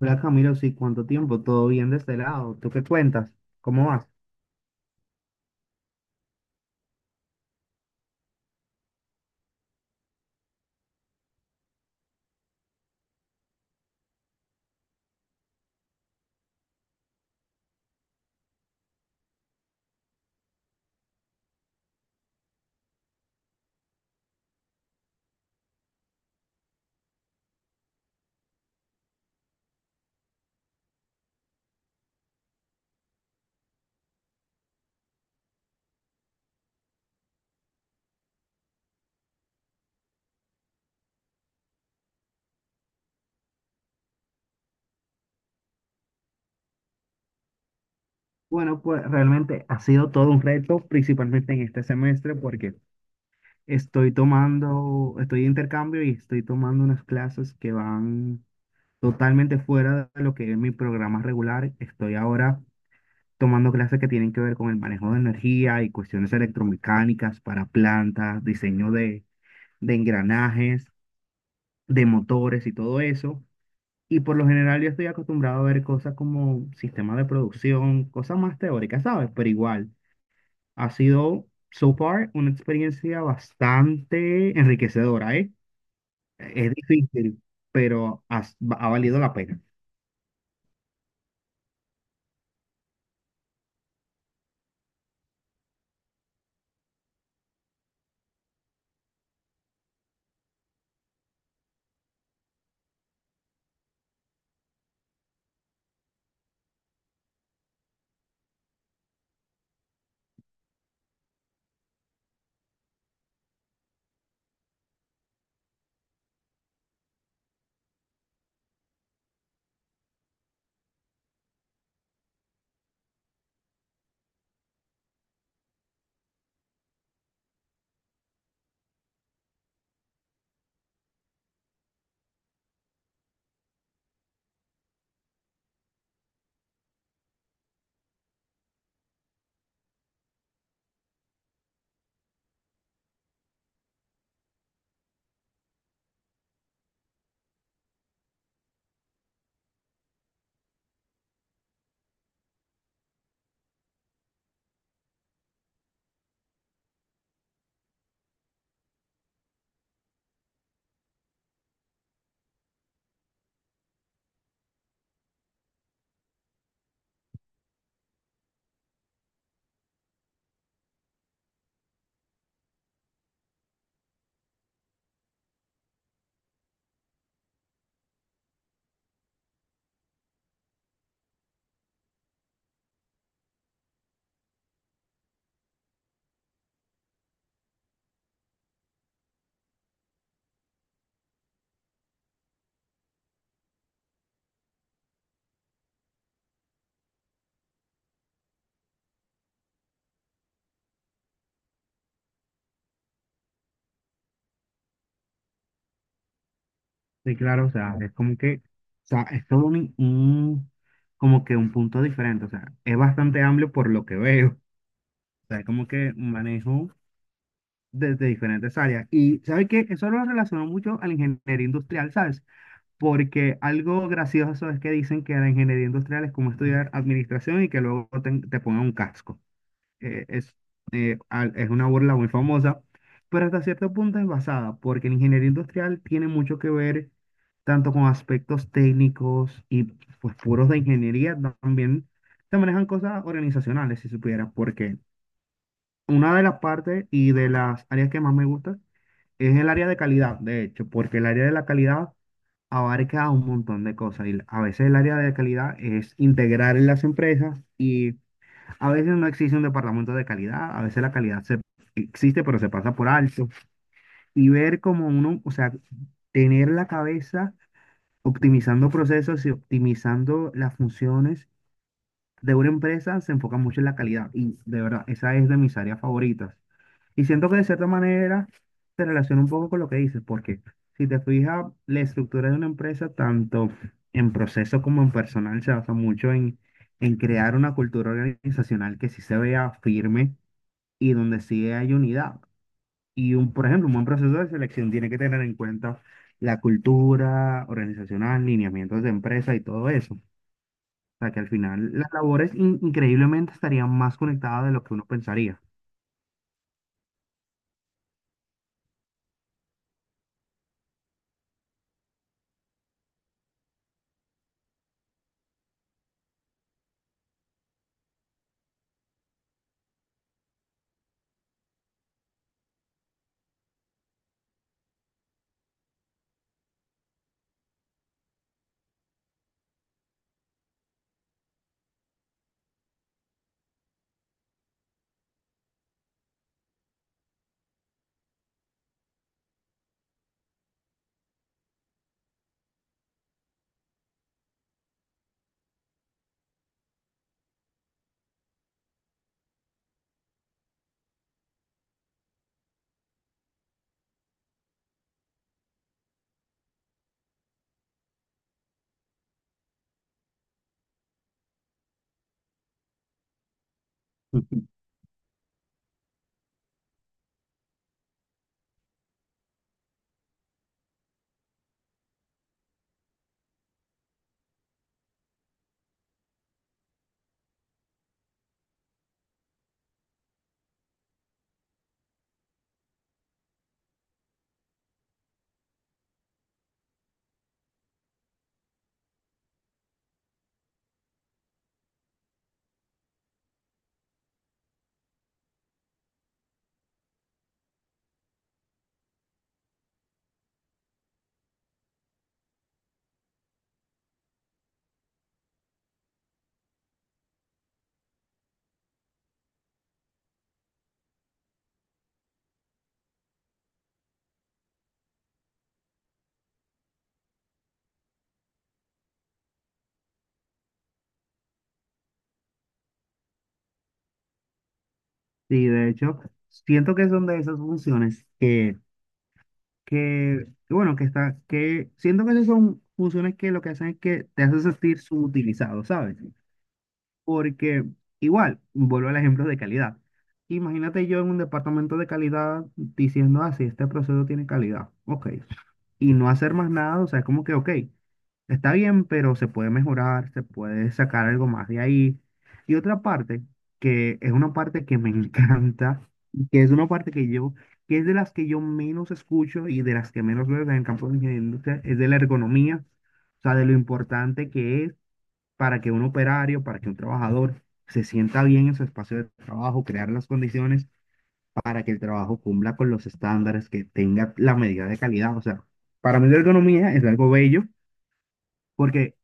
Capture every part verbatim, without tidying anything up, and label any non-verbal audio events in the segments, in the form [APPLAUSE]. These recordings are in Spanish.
Hola Camilo, sí, ¿cuánto tiempo? ¿Todo bien de este lado? ¿Tú qué cuentas? ¿Cómo vas? Bueno, pues realmente ha sido todo un reto, principalmente en este semestre, porque estoy tomando, estoy de intercambio y estoy tomando unas clases que van totalmente fuera de lo que es mi programa regular. Estoy ahora tomando clases que tienen que ver con el manejo de energía y cuestiones electromecánicas para plantas, diseño de, de engranajes, de motores y todo eso. Y por lo general yo estoy acostumbrado a ver cosas como sistemas de producción, cosas más teóricas, ¿sabes? Pero igual, ha sido, so far, una experiencia bastante enriquecedora, ¿eh? Es difícil, pero has- va- ha, valido la pena. Sí, claro, o sea, es como que, o sea, es todo un, un- como que un punto diferente, o sea, es bastante amplio por lo que veo, o sea, es como que manejo desde diferentes áreas. Y, ¿sabes qué? Eso lo relaciono mucho a la ingeniería industrial, ¿sabes? Porque algo gracioso es que dicen que la ingeniería industrial es como estudiar administración y que luego te, te pongan un casco. Eh, es, eh, al- es una burla muy famosa, pero hasta cierto punto es basada, porque la ingeniería industrial tiene mucho que ver tanto con aspectos técnicos y pues puros de ingeniería, también se manejan cosas organizacionales, si supieras, porque una de las partes y de las áreas que más me gusta es el área de calidad, de hecho, porque el área de la calidad abarca un montón de cosas y a veces el área de calidad es integrar en las empresas y a veces no existe un departamento de calidad, a veces la calidad se, existe pero se pasa por alto y ver como uno, o sea, tener la cabeza optimizando procesos y optimizando las funciones de una empresa se enfoca mucho en la calidad y de verdad, esa es de mis áreas favoritas. Y siento que de cierta manera se relaciona un poco con lo que dices, porque si te fijas, la estructura de una empresa, tanto en proceso como en personal, se basa mucho en, en crear una cultura organizacional que sí se vea firme y donde sí hay unidad. Y un, por ejemplo, un buen proceso de selección tiene que tener en cuenta la cultura organizacional, lineamientos de empresa y todo eso. O sea, que al final las labores in- increíblemente estarían más conectadas de lo que uno pensaría. [LAUGHS] Sí, de hecho, siento que son de esas funciones que, que, que bueno, que está, que siento que esas son funciones que lo que hacen es que te hacen sentir subutilizado, ¿sabes? Porque igual, vuelvo al ejemplo de calidad. Imagínate yo en un departamento de calidad diciendo, ah, sí, este proceso tiene calidad. Ok. Y no hacer más nada, o sea, es como que, ok, está bien, pero se puede mejorar, se puede sacar algo más de ahí. Y otra parte, que es una parte que me [LAUGHS] encanta, y que es una parte que yo, que es de las que yo menos escucho y de las que menos veo en el campo de la ingeniería industrial, es de la ergonomía, o sea, de lo importante que es para que un operario, para que un trabajador se sienta bien en su espacio de trabajo, crear las condiciones para que el trabajo cumpla con los estándares, que tenga la medida de calidad. O sea, para mí la ergonomía es algo bello porque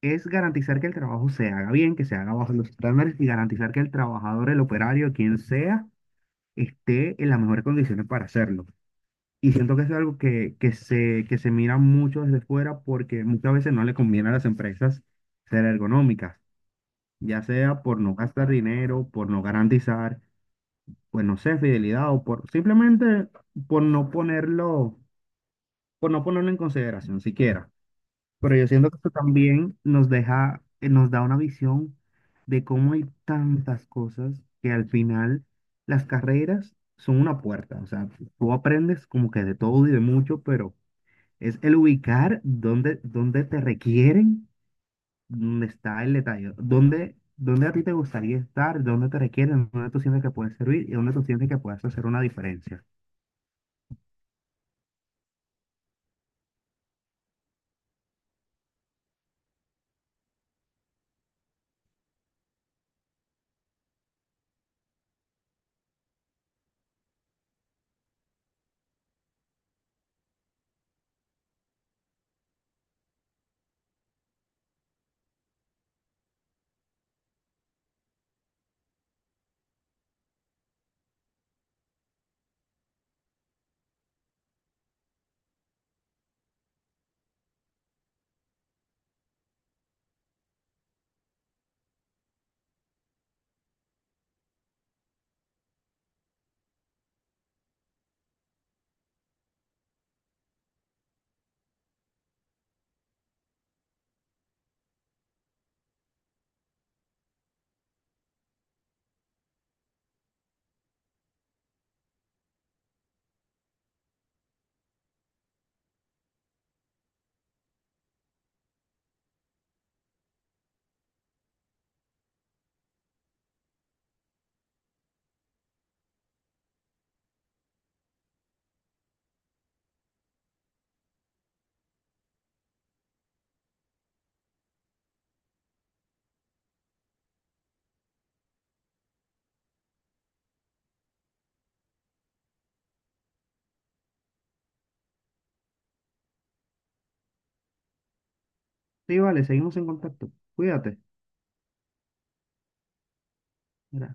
es garantizar que el trabajo se haga bien, que se haga bajo los estándares y garantizar que el trabajador, el operario, quien sea, esté en las mejores condiciones para hacerlo. Y siento que eso es algo que, que se, que se mira mucho desde fuera porque muchas veces no le conviene a las empresas ser ergonómicas, ya sea por no gastar dinero, por no garantizar, pues no sé, fidelidad o por simplemente por no ponerlo, por no ponerlo en consideración siquiera. Pero yo siento que esto también nos deja, eh, nos da una visión de cómo hay tantas cosas que al final las carreras son una puerta. O sea, tú aprendes como que de todo y de mucho, pero es el ubicar dónde, dónde te requieren. ¿Dónde está el detalle? ¿Dónde, Dónde a ti te gustaría estar? ¿Dónde te requieren? ¿Dónde tú sientes que puedes servir? ¿Y dónde tú sientes que puedes hacer una diferencia? Sí, vale, seguimos en contacto. Cuídate. Mira.